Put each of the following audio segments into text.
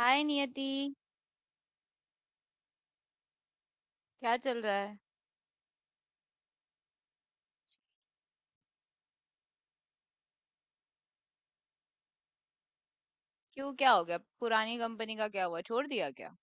हाय नियति। क्या चल रहा है। क्यों, क्या हो गया? पुरानी कंपनी का क्या हुआ, छोड़ दिया क्या?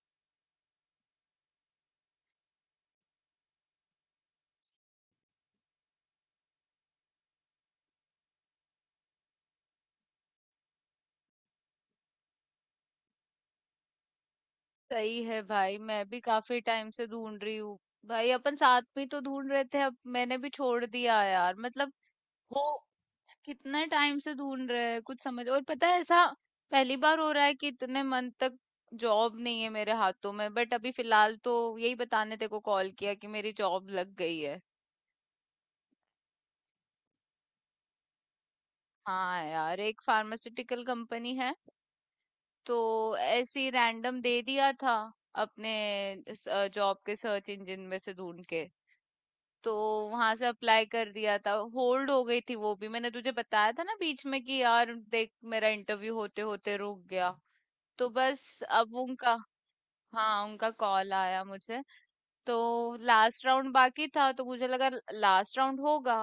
सही है भाई। मैं भी काफी टाइम से ढूंढ रही हूँ। भाई, अपन साथ में तो ढूंढ रहे थे, अब मैंने भी छोड़ दिया यार, मतलब वो, कितने टाइम से ढूंढ रहे हैं कुछ समझ और पता है ऐसा। पहली बार हो रहा है कि इतने मंथ तक जॉब नहीं है मेरे हाथों में, बट अभी फिलहाल तो यही बताने तेरे को कॉल किया कि मेरी जॉब लग गई है। हाँ यार, एक फार्मास्यूटिकल कंपनी है। तो ऐसे ही रैंडम दे दिया था अपने जॉब के सर्च इंजन में से ढूंढ के। तो वहां से अप्लाई कर दिया था, होल्ड हो गई थी। वो भी मैंने तुझे बताया था ना बीच में कि यार देख मेरा इंटरव्यू होते होते रुक गया। तो बस अब उनका, हाँ, उनका कॉल आया मुझे। तो लास्ट राउंड बाकी था, तो मुझे लगा लास्ट राउंड होगा।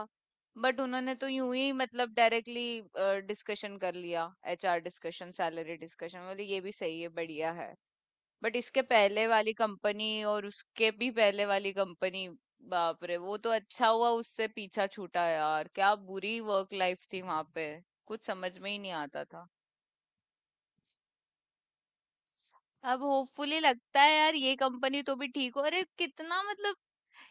बट उन्होंने तो यूं ही, मतलब डायरेक्टली डिस्कशन कर लिया। एचआर डिस्कशन, सैलरी डिस्कशन, बोले ये भी सही है, बढ़िया है। बट इसके पहले वाली कंपनी, और उसके भी पहले वाली कंपनी, बाप रे! वो तो अच्छा हुआ उससे पीछा छूटा यार, क्या बुरी वर्क लाइफ थी वहां पे, कुछ समझ में ही नहीं आता था। अब होपफुली लगता है यार ये कंपनी तो भी ठीक हो। अरे कितना, मतलब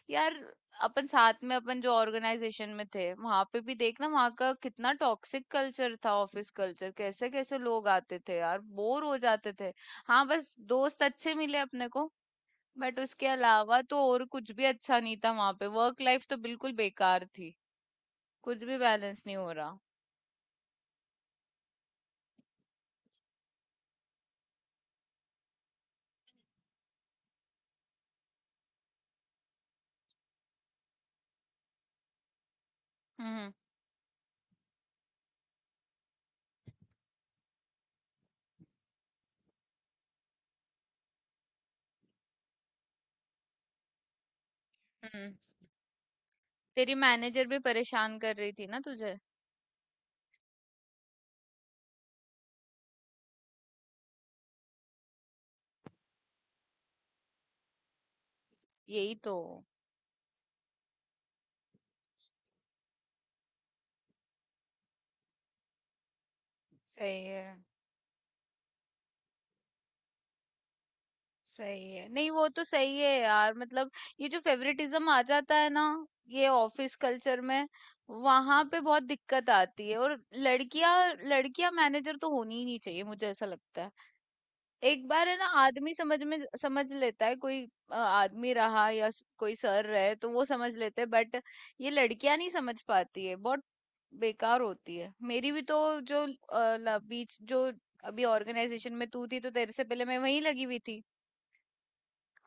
यार, अपन साथ में, अपन जो ऑर्गेनाइजेशन में थे, वहां पे भी देखना वहां का कितना टॉक्सिक कल्चर था, ऑफिस कल्चर, कैसे कैसे लोग आते थे यार, बोर हो जाते थे। हाँ, बस दोस्त अच्छे मिले अपने को। बट उसके अलावा तो और कुछ भी अच्छा नहीं था वहां पे, वर्क लाइफ तो बिल्कुल बेकार थी, कुछ भी बैलेंस नहीं हो रहा। हम्म। हम्म। तेरी मैनेजर भी परेशान कर रही थी ना तुझे? यही तो। सही है सही है। नहीं, वो तो सही है यार, मतलब ये जो फेवरेटिज्म आ जाता है ना, ये ऑफिस कल्चर में, वहां पे बहुत दिक्कत आती है। और लड़कियां, लड़कियां मैनेजर तो होनी ही नहीं चाहिए, मुझे ऐसा लगता है। एक बार है ना, आदमी समझ में समझ लेता है, कोई आदमी रहा या कोई सर रहे तो वो समझ लेते हैं, बट ये लड़कियां नहीं समझ पाती है, बहुत बेकार होती है। मेरी भी तो, जो बीच जो, अभी ऑर्गेनाइजेशन में तू थी, तो तेरे से पहले मैं वहीं लगी हुई थी।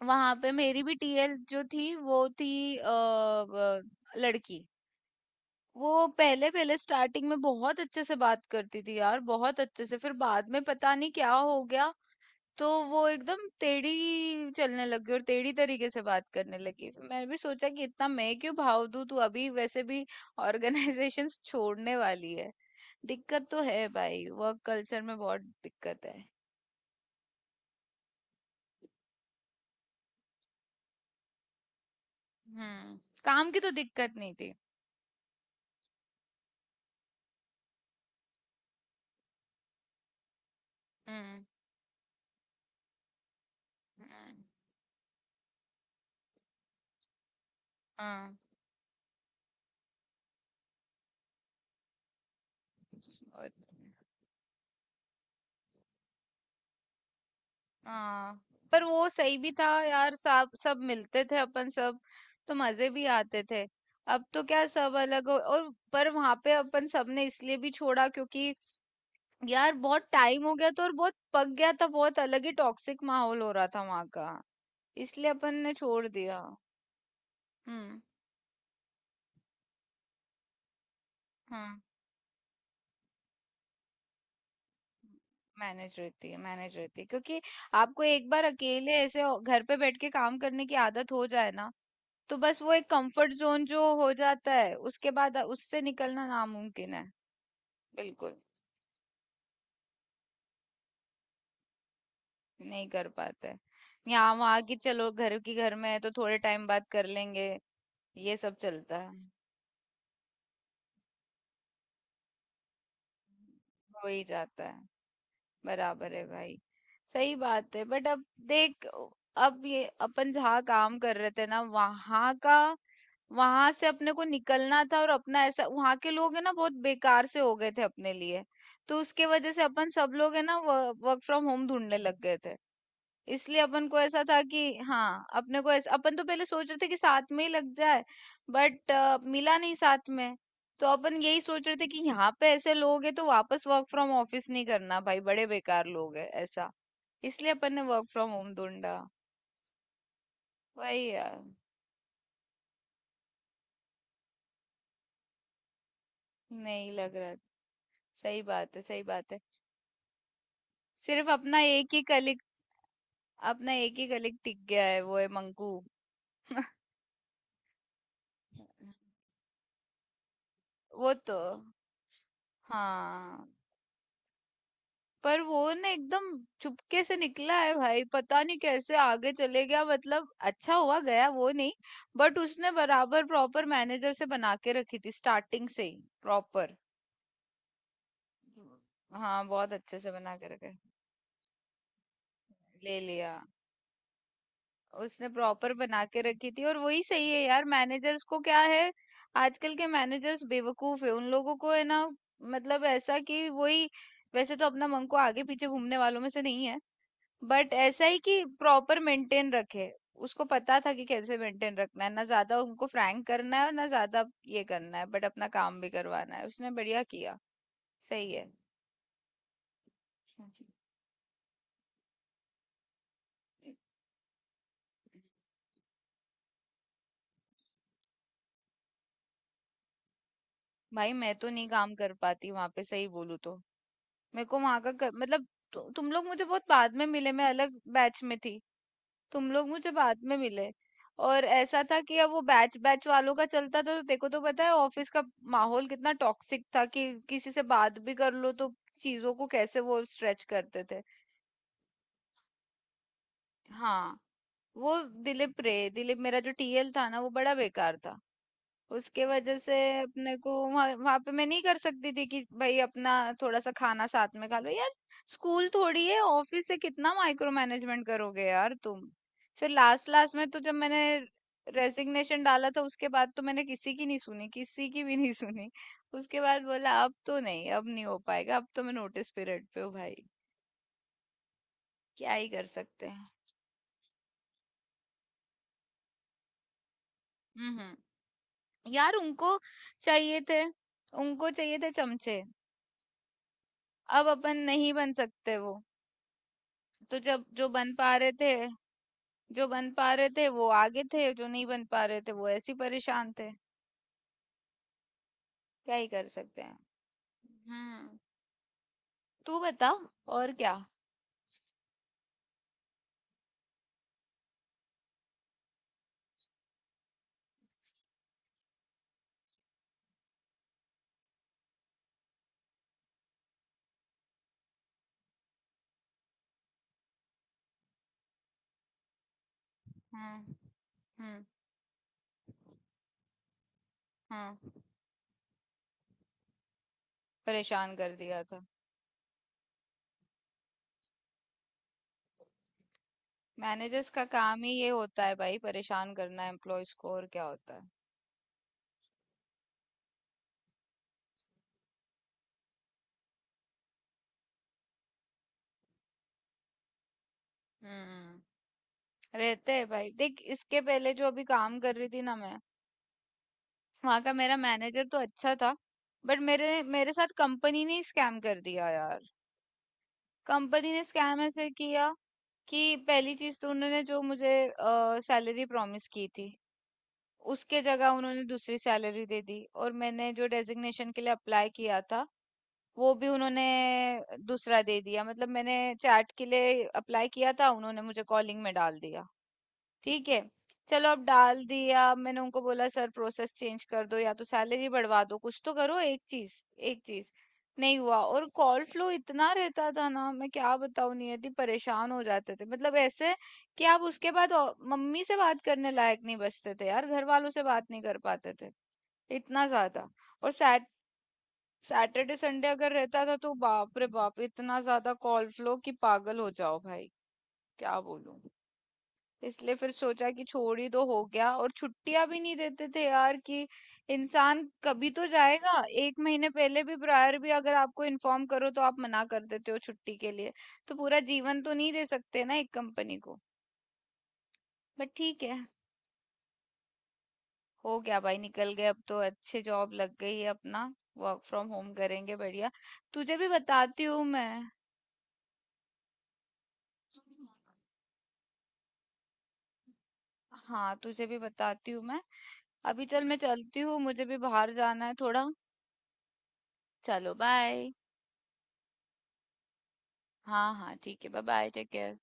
वहां पे मेरी भी टीएल जो थी वो थी अ, व- लड़की। वो पहले पहले स्टार्टिंग में बहुत अच्छे से बात करती थी यार, बहुत अच्छे से, फिर बाद में पता नहीं क्या हो गया। तो वो एकदम टेढ़ी चलने लगी और टेढ़ी तरीके से बात करने लगी। फिर मैंने भी सोचा कि इतना मैं क्यों भाव दूं, तू अभी वैसे भी ऑर्गेनाइजेशन छोड़ने वाली है। दिक्कत तो है भाई, वर्क कल्चर में बहुत दिक्कत है। हम्म। काम की तो दिक्कत नहीं थी। हम्म, हम्म, हाँ। और हाँ। पर वो सही भी था यार, सब सब मिलते थे अपन सब, तो मजे भी आते थे। अब तो क्या, सब अलग हो। और पर वहां पे अपन सबने इसलिए भी छोड़ा, क्योंकि यार बहुत टाइम हो गया, तो और बहुत पक गया था, बहुत अलग ही टॉक्सिक माहौल हो रहा था वहां का। इसलिए अपन ने छोड़ दिया। हम्म। हाँ, मैनेज रहती है मैनेज रहती है, क्योंकि आपको एक बार अकेले ऐसे घर पे बैठ के काम करने की आदत हो जाए ना, तो बस वो एक कंफर्ट जोन जो हो जाता है, उसके बाद उससे निकलना नामुमकिन है। बिल्कुल। नहीं कर पाते हैं। यहाँ वहाँ की चलो, घर की घर में है तो थोड़े टाइम बाद कर लेंगे। ये सब चलता है। हो ही जाता है। बराबर है भाई। सही बात है, बट अब देख, अब ये अपन जहाँ काम कर रहे थे ना, वहाँ का, वहां से अपने को निकलना था। और अपना ऐसा, वहां के लोग है ना बहुत बेकार से हो गए थे अपने लिए। तो उसके वजह से अपन सब लोग है ना, वर्क फ्रॉम होम ढूंढने लग गए थे। इसलिए अपन को ऐसा था कि, हाँ, अपने को ऐसा, अपन तो पहले सोच रहे थे कि साथ में ही लग जाए। बट मिला नहीं साथ में। तो अपन यही सोच रहे थे कि यहाँ पे ऐसे लोग हैं, तो वापस वर्क फ्रॉम ऑफिस नहीं करना भाई, बड़े बेकार लोग हैं ऐसा। इसलिए अपन ने वर्क फ्रॉम होम ढूंढा। वही यार। नहीं लग रहा। सही बात है, सही बात है। सिर्फ अपना एक ही कलिक, अपना एक ही कलिक टिक गया है, वो है मंकू। वो तो। हाँ। पर वो ना एकदम चुपके से निकला है भाई, पता नहीं कैसे आगे चले गया। मतलब अच्छा हुआ, गया वो, नहीं? बट उसने बराबर प्रॉपर मैनेजर से बना के रखी थी स्टार्टिंग से ही प्रॉपर। हाँ, बहुत अच्छे से बना के रखे। ले लिया। उसने प्रॉपर बना के रखी थी। और वही सही है यार, मैनेजर्स को क्या है, आजकल के मैनेजर्स बेवकूफ है, उन लोगों को है ना, मतलब ऐसा कि वही। वैसे तो अपना मन को आगे पीछे घूमने वालों में से नहीं है, बट ऐसा ही कि प्रॉपर मेंटेन रखे। उसको पता था कि कैसे मेंटेन रखना है, ना ज्यादा उनको फ्रैंक करना है और ना ज्यादा ये करना है, बट अपना काम भी करवाना है। उसने बढ़िया किया। सही है। भाई मैं तो नहीं काम कर पाती वहां पे, सही बोलूं तो। मेरे को वहां का मतलब, तुम लोग मुझे बहुत बाद में मिले, मैं अलग बैच में थी। तुम लोग मुझे बाद में मिले। और ऐसा था कि अब वो बैच बैच वालों का चलता, तो देखो, तो पता है ऑफिस का माहौल कितना टॉक्सिक था कि किसी से बात भी कर लो तो चीजों को कैसे वो स्ट्रेच करते थे। हाँ। वो दिलीप रे दिलीप, मेरा जो टीएल था ना वो बड़ा बेकार था। उसके वजह से अपने को वहां, वहां पे मैं नहीं कर सकती थी कि भाई अपना थोड़ा सा खाना साथ में खा लो यार। स्कूल थोड़ी है ऑफिस, से कितना माइक्रो मैनेजमेंट करोगे यार तुम। फिर लास्ट लास्ट में तो जब मैंने रेजिग्नेशन डाला था उसके बाद तो मैंने किसी की नहीं सुनी, किसी की भी नहीं सुनी। उसके बाद बोला अब तो नहीं, अब नहीं हो पाएगा, अब तो मैं नोटिस पीरियड पे हूँ भाई, क्या ही कर सकते हैं। हम्म। हम्म। यार उनको चाहिए थे, उनको चाहिए थे चमचे। अब अपन नहीं बन सकते वो। तो जब जो बन पा रहे थे, जो बन पा रहे थे वो आगे थे, जो नहीं बन पा रहे थे वो ऐसे ही परेशान थे। क्या ही कर सकते हैं। हम्म। तू बता। और क्या। हम्म। हम्म। हम्म। परेशान कर दिया था। मैनेजर्स का काम ही ये होता है भाई, परेशान करना एम्प्लॉयज को, और क्या होता है। हम्म। रहते हैं भाई। देख, इसके पहले जो अभी काम कर रही थी ना मैं, वहां का मेरा मैनेजर तो अच्छा था। बट मेरे मेरे साथ कंपनी ने स्कैम कर दिया यार। कंपनी ने स्कैम ऐसे किया कि, पहली चीज तो उन्होंने जो मुझे सैलरी प्रॉमिस की थी, उसके जगह उन्होंने दूसरी सैलरी दे दी। और मैंने जो डेजिग्नेशन के लिए अप्लाई किया था, वो भी उन्होंने दूसरा दे दिया। मतलब मैंने चैट के लिए अप्लाई किया था, उन्होंने मुझे कॉलिंग में डाल दिया। ठीक है, चलो, अब डाल दिया। अब मैंने उनको बोला सर प्रोसेस चेंज कर दो या तो सैलरी बढ़वा दो, कुछ तो करो एक चीज। एक चीज नहीं हुआ। और कॉल फ्लो इतना रहता था ना, मैं क्या बताऊं नियति, परेशान हो जाते थे, मतलब ऐसे कि आप उसके बाद मम्मी से बात करने लायक नहीं बचते थे यार, घर वालों से बात नहीं कर पाते थे, इतना ज्यादा। और सैटरडे संडे अगर रहता था, तो बाप रे बाप, इतना ज्यादा कॉल फ्लो कि पागल हो जाओ भाई, क्या बोलूं। इसलिए फिर सोचा कि छोड़ ही दो, हो गया। और छुट्टियां भी नहीं देते थे यार कि इंसान कभी तो जाएगा। एक महीने पहले भी, प्रायर भी अगर आपको इन्फॉर्म करो, तो आप मना कर देते हो छुट्टी के लिए। तो पूरा जीवन तो नहीं दे सकते ना एक कंपनी को। बट ठीक है, हो गया भाई, निकल गए। अब तो अच्छे जॉब लग गई है अपना, वर्क फ्रॉम होम करेंगे, बढ़िया। तुझे भी बताती हूँ मैं, हाँ तुझे भी बताती हूँ मैं। अभी चल, मैं चलती हूँ, मुझे भी बाहर जाना है थोड़ा। चलो बाय। हाँ, हाँ, ठीक है। Bye bye, take care.